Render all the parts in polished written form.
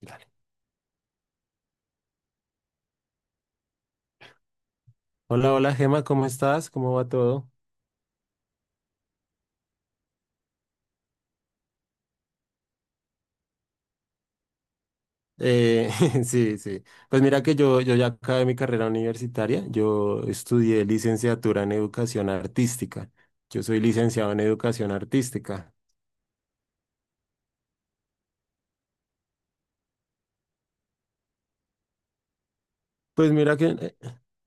Dale. Hola, hola Gema, ¿cómo estás? ¿Cómo va todo? Eh, sí, sí. Pues mira que yo ya acabé mi carrera universitaria. Yo estudié licenciatura en educación artística. Yo soy licenciado en educación artística. Pues mira que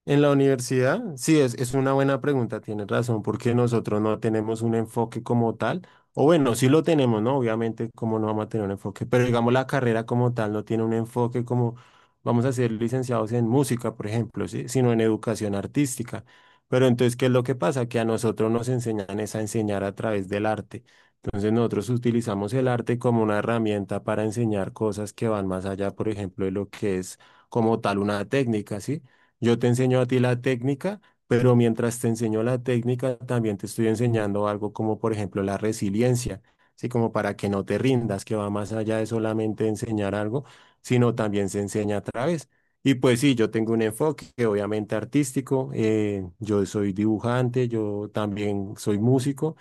en la universidad, sí, es una buena pregunta, tienes razón, porque nosotros no tenemos un enfoque como tal, o bueno, sí lo tenemos, ¿no? Obviamente, como no vamos a tener un enfoque? Pero digamos, la carrera como tal no tiene un enfoque como vamos a ser licenciados en música, por ejemplo, ¿sí? Sino en educación artística. Pero entonces, ¿qué es lo que pasa? Que a nosotros nos enseñan es a enseñar a través del arte. Entonces nosotros utilizamos el arte como una herramienta para enseñar cosas que van más allá, por ejemplo, de lo que es como tal una técnica, ¿sí? Yo te enseño a ti la técnica, pero mientras te enseño la técnica, también te estoy enseñando algo como, por ejemplo, la resiliencia, ¿sí? Como para que no te rindas, que va más allá de solamente enseñar algo, sino también se enseña a través. Y pues sí, yo tengo un enfoque obviamente artístico, yo soy dibujante, yo también soy músico,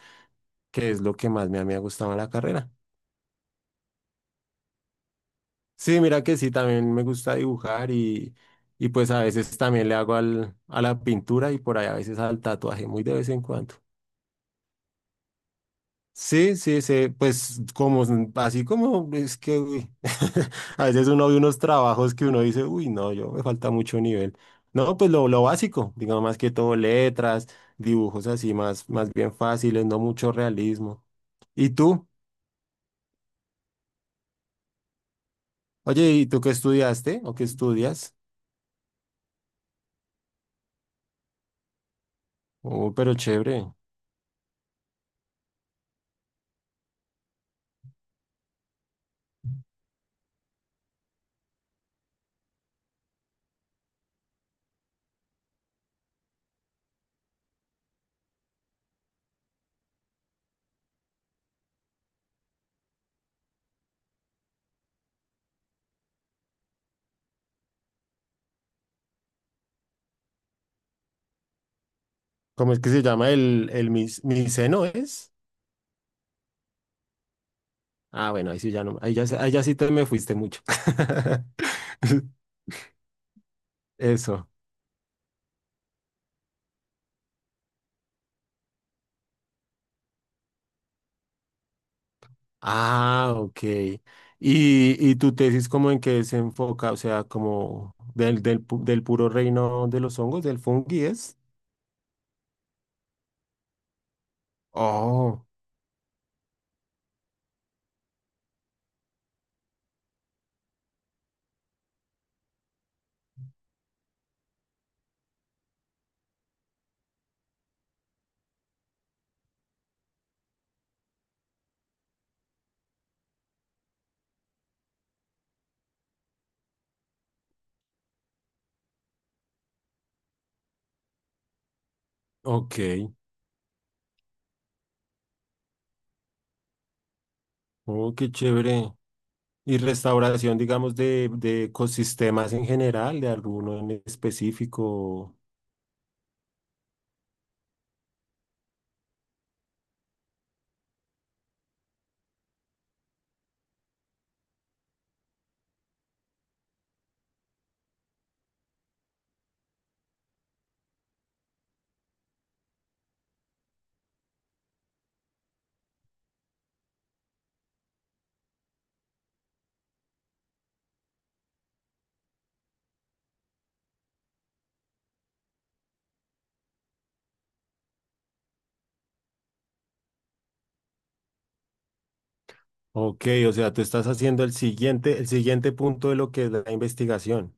que es lo que más me ha gustado en la carrera. Sí, mira que sí, también me gusta dibujar y pues a veces también le hago al, a la pintura y por ahí a veces al tatuaje, muy de vez en cuando. Sí, sí, sí, pues como, así como es que, uy, a veces uno ve unos trabajos que uno dice, uy, no, yo me falta mucho nivel. No, pues lo básico, digamos más que todo letras, dibujos así más, más bien fáciles, no mucho realismo. ¿Y tú? Oye, ¿y tú qué estudiaste o qué estudias? Oh, pero chévere. ¿Cómo es que se llama el miceno es? Ah, bueno, ahí sí ya no, ahí ya sí te me fuiste mucho. Eso. Ah, ok. Y tu tesis como en qué se enfoca? O sea, como del, del, del puro reino de los hongos, del fungi es. Oh, ok. Oh, qué chévere. Y restauración, digamos, de ecosistemas en general, de alguno en específico. Ok, o sea, tú estás haciendo el siguiente punto de lo que es la investigación.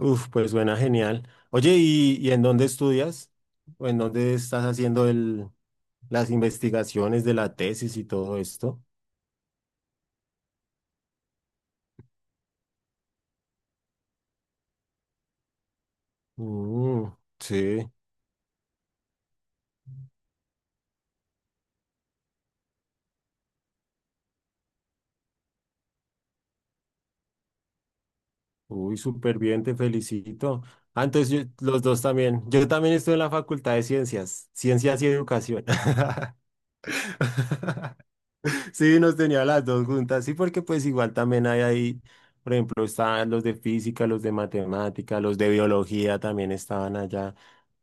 Uf, pues suena genial. Oye, y en dónde estudias? ¿O en dónde estás haciendo el, las investigaciones de la tesis y todo esto? Mm, sí, uy, súper bien, te felicito. Ah, entonces los dos también. Yo también estoy en la Facultad de Ciencias, Ciencias y Educación. Sí, nos tenía las dos juntas, sí, porque pues igual también hay ahí, por ejemplo, estaban los de física, los de matemática, los de biología también estaban allá,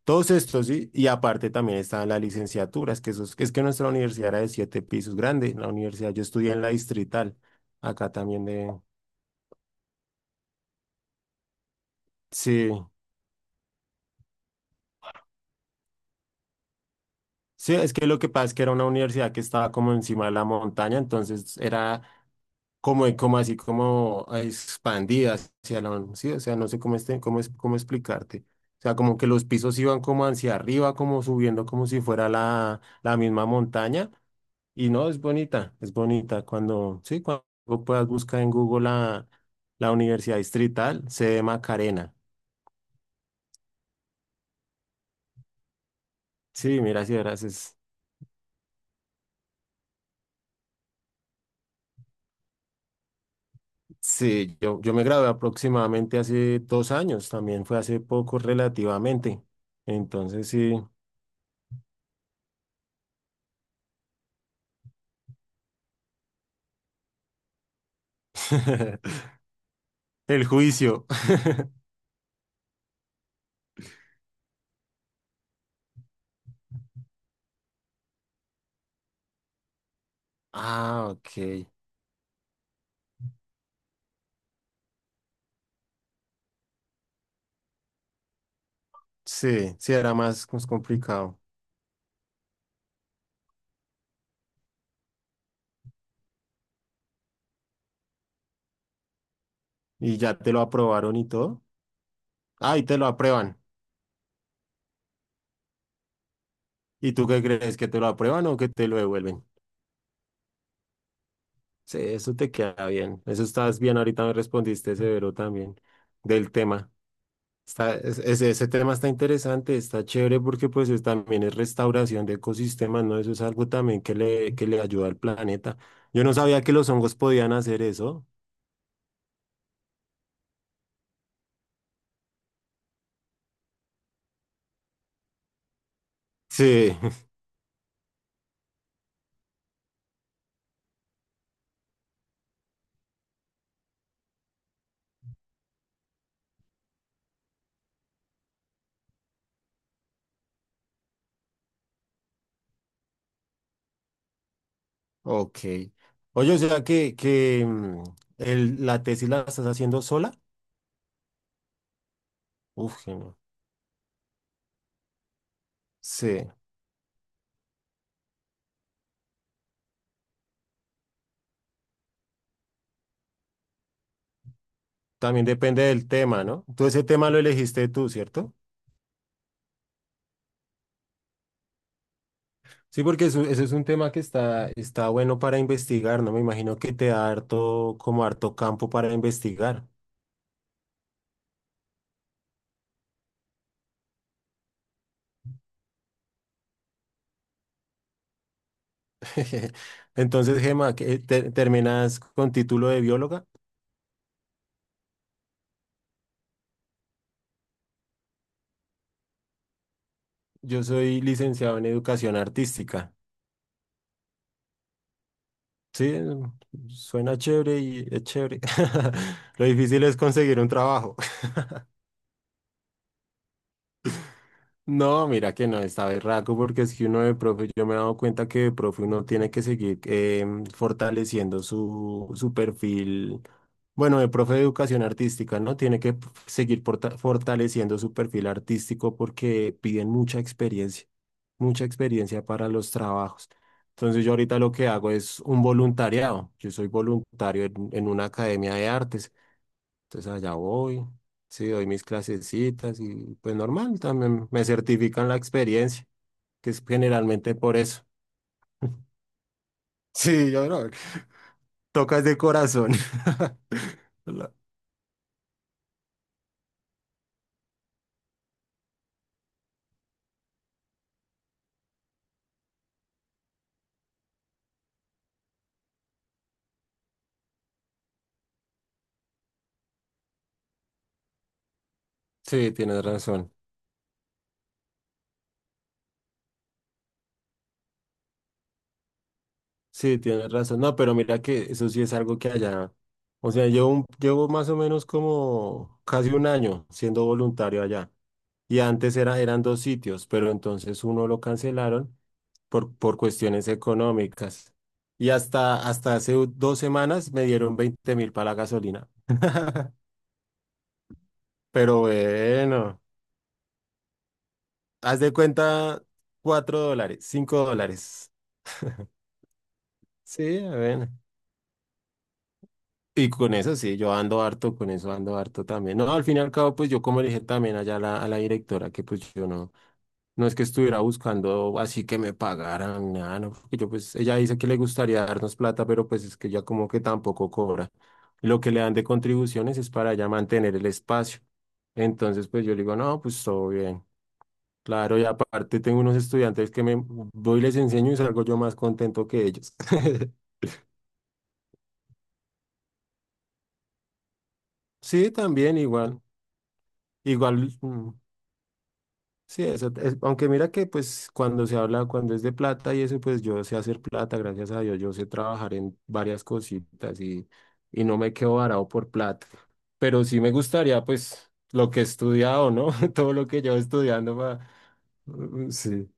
todos estos, sí, y aparte también estaban las licenciaturas, que esos, es que nuestra universidad era de siete pisos, grande, la universidad, yo estudié en la Distrital, acá también de, sí, sí, es que lo que pasa es que era una universidad que estaba como encima de la montaña, entonces era como, como así, como ah, expandida hacia la, sí, o sea, no sé cómo, este, cómo, cómo explicarte. O sea, como que los pisos iban como hacia arriba, como subiendo, como si fuera la, la misma montaña. Y no, es bonita, es bonita. Cuando, sí, cuando puedas buscar en Google la, la Universidad Distrital, sede Macarena. Sí, mira, si verás, sí, yo me gradué aproximadamente hace 2 años, también fue hace poco relativamente. Entonces, sí, el juicio. Ah, ok. Sí, sí, era más, más complicado. ¿Y ya te lo aprobaron y todo? Ah, y te lo aprueban. ¿Y tú qué crees? ¿Que te lo aprueban o que te lo devuelven? Sí, eso te queda bien. Eso estás bien. Ahorita me respondiste severo también del tema. Está, ese, ese tema está interesante, está chévere porque pues también es restauración de ecosistemas, ¿no? Eso es algo también que le ayuda al planeta. Yo no sabía que los hongos podían hacer eso. Sí. Ok. Oye, o sea que mm, la tesis la estás haciendo sola. Uf, genial. Sí. También depende del tema, ¿no? Tú ese tema lo elegiste tú, ¿cierto? Sí, porque eso es un tema que está, está bueno para investigar, ¿no? Me imagino que te da harto, como harto campo para investigar. Entonces, Gemma, ¿terminas con título de bióloga? Yo soy licenciado en educación artística. Sí, suena chévere y es chévere. Lo difícil es conseguir un trabajo. No, mira que no, está berraco porque es que uno de profe, yo me he dado cuenta que de profe uno tiene que seguir fortaleciendo su, su perfil, bueno, de profe de educación artística, ¿no? Tiene que seguir fortaleciendo su perfil artístico porque piden mucha experiencia para los trabajos. Entonces yo ahorita lo que hago es un voluntariado, yo soy voluntario en una academia de artes. Entonces allá voy, sí, doy mis clasecitas y pues normal, también me certifican la experiencia, que es generalmente por eso. Sí, yo no, tocas de corazón. La- Sí, tienes razón. Sí, tienes razón. No, pero mira que eso sí es algo que allá, o sea, yo llevo más o menos como casi un año siendo voluntario allá. Y antes era, eran dos sitios, pero entonces uno lo cancelaron por cuestiones económicas. Y hasta, hasta hace 2 semanas me dieron 20.000 para la gasolina. Pero bueno, haz de cuenta $4, $5. Sí, a ver. Y con eso sí, yo ando harto, con eso ando harto también. No, al fin y al cabo, pues yo como le dije también allá a la directora que pues yo no. No es que estuviera buscando así que me pagaran, nada, no, porque yo pues, ella dice que le gustaría darnos plata, pero pues es que ya como que tampoco cobra. Lo que le dan de contribuciones es para ya mantener el espacio. Entonces, pues yo le digo, no, pues todo bien. Claro, y aparte tengo unos estudiantes que me voy y les enseño y salgo yo más contento que ellos. Sí, también igual, igual. Mm, sí, eso, aunque mira que pues cuando se habla, cuando es de plata y eso, pues yo sé hacer plata, gracias a Dios, yo sé trabajar en varias cositas y no me quedo varado por plata. Pero sí me gustaría pues lo que he estudiado, ¿no? Todo lo que llevo estudiando para... Sí.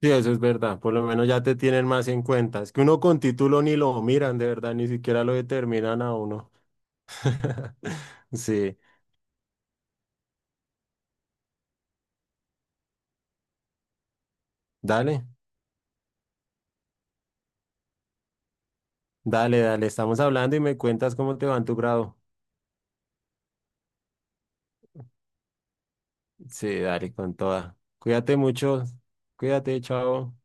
Sí, eso es verdad, por lo menos ya te tienen más en cuenta. Es que uno con título ni lo miran, de verdad, ni siquiera lo determinan a uno. Sí, dale, dale, dale, estamos hablando y me cuentas cómo te va en tu grado. Sí, dale con toda. Cuídate mucho. Cuídate, chao.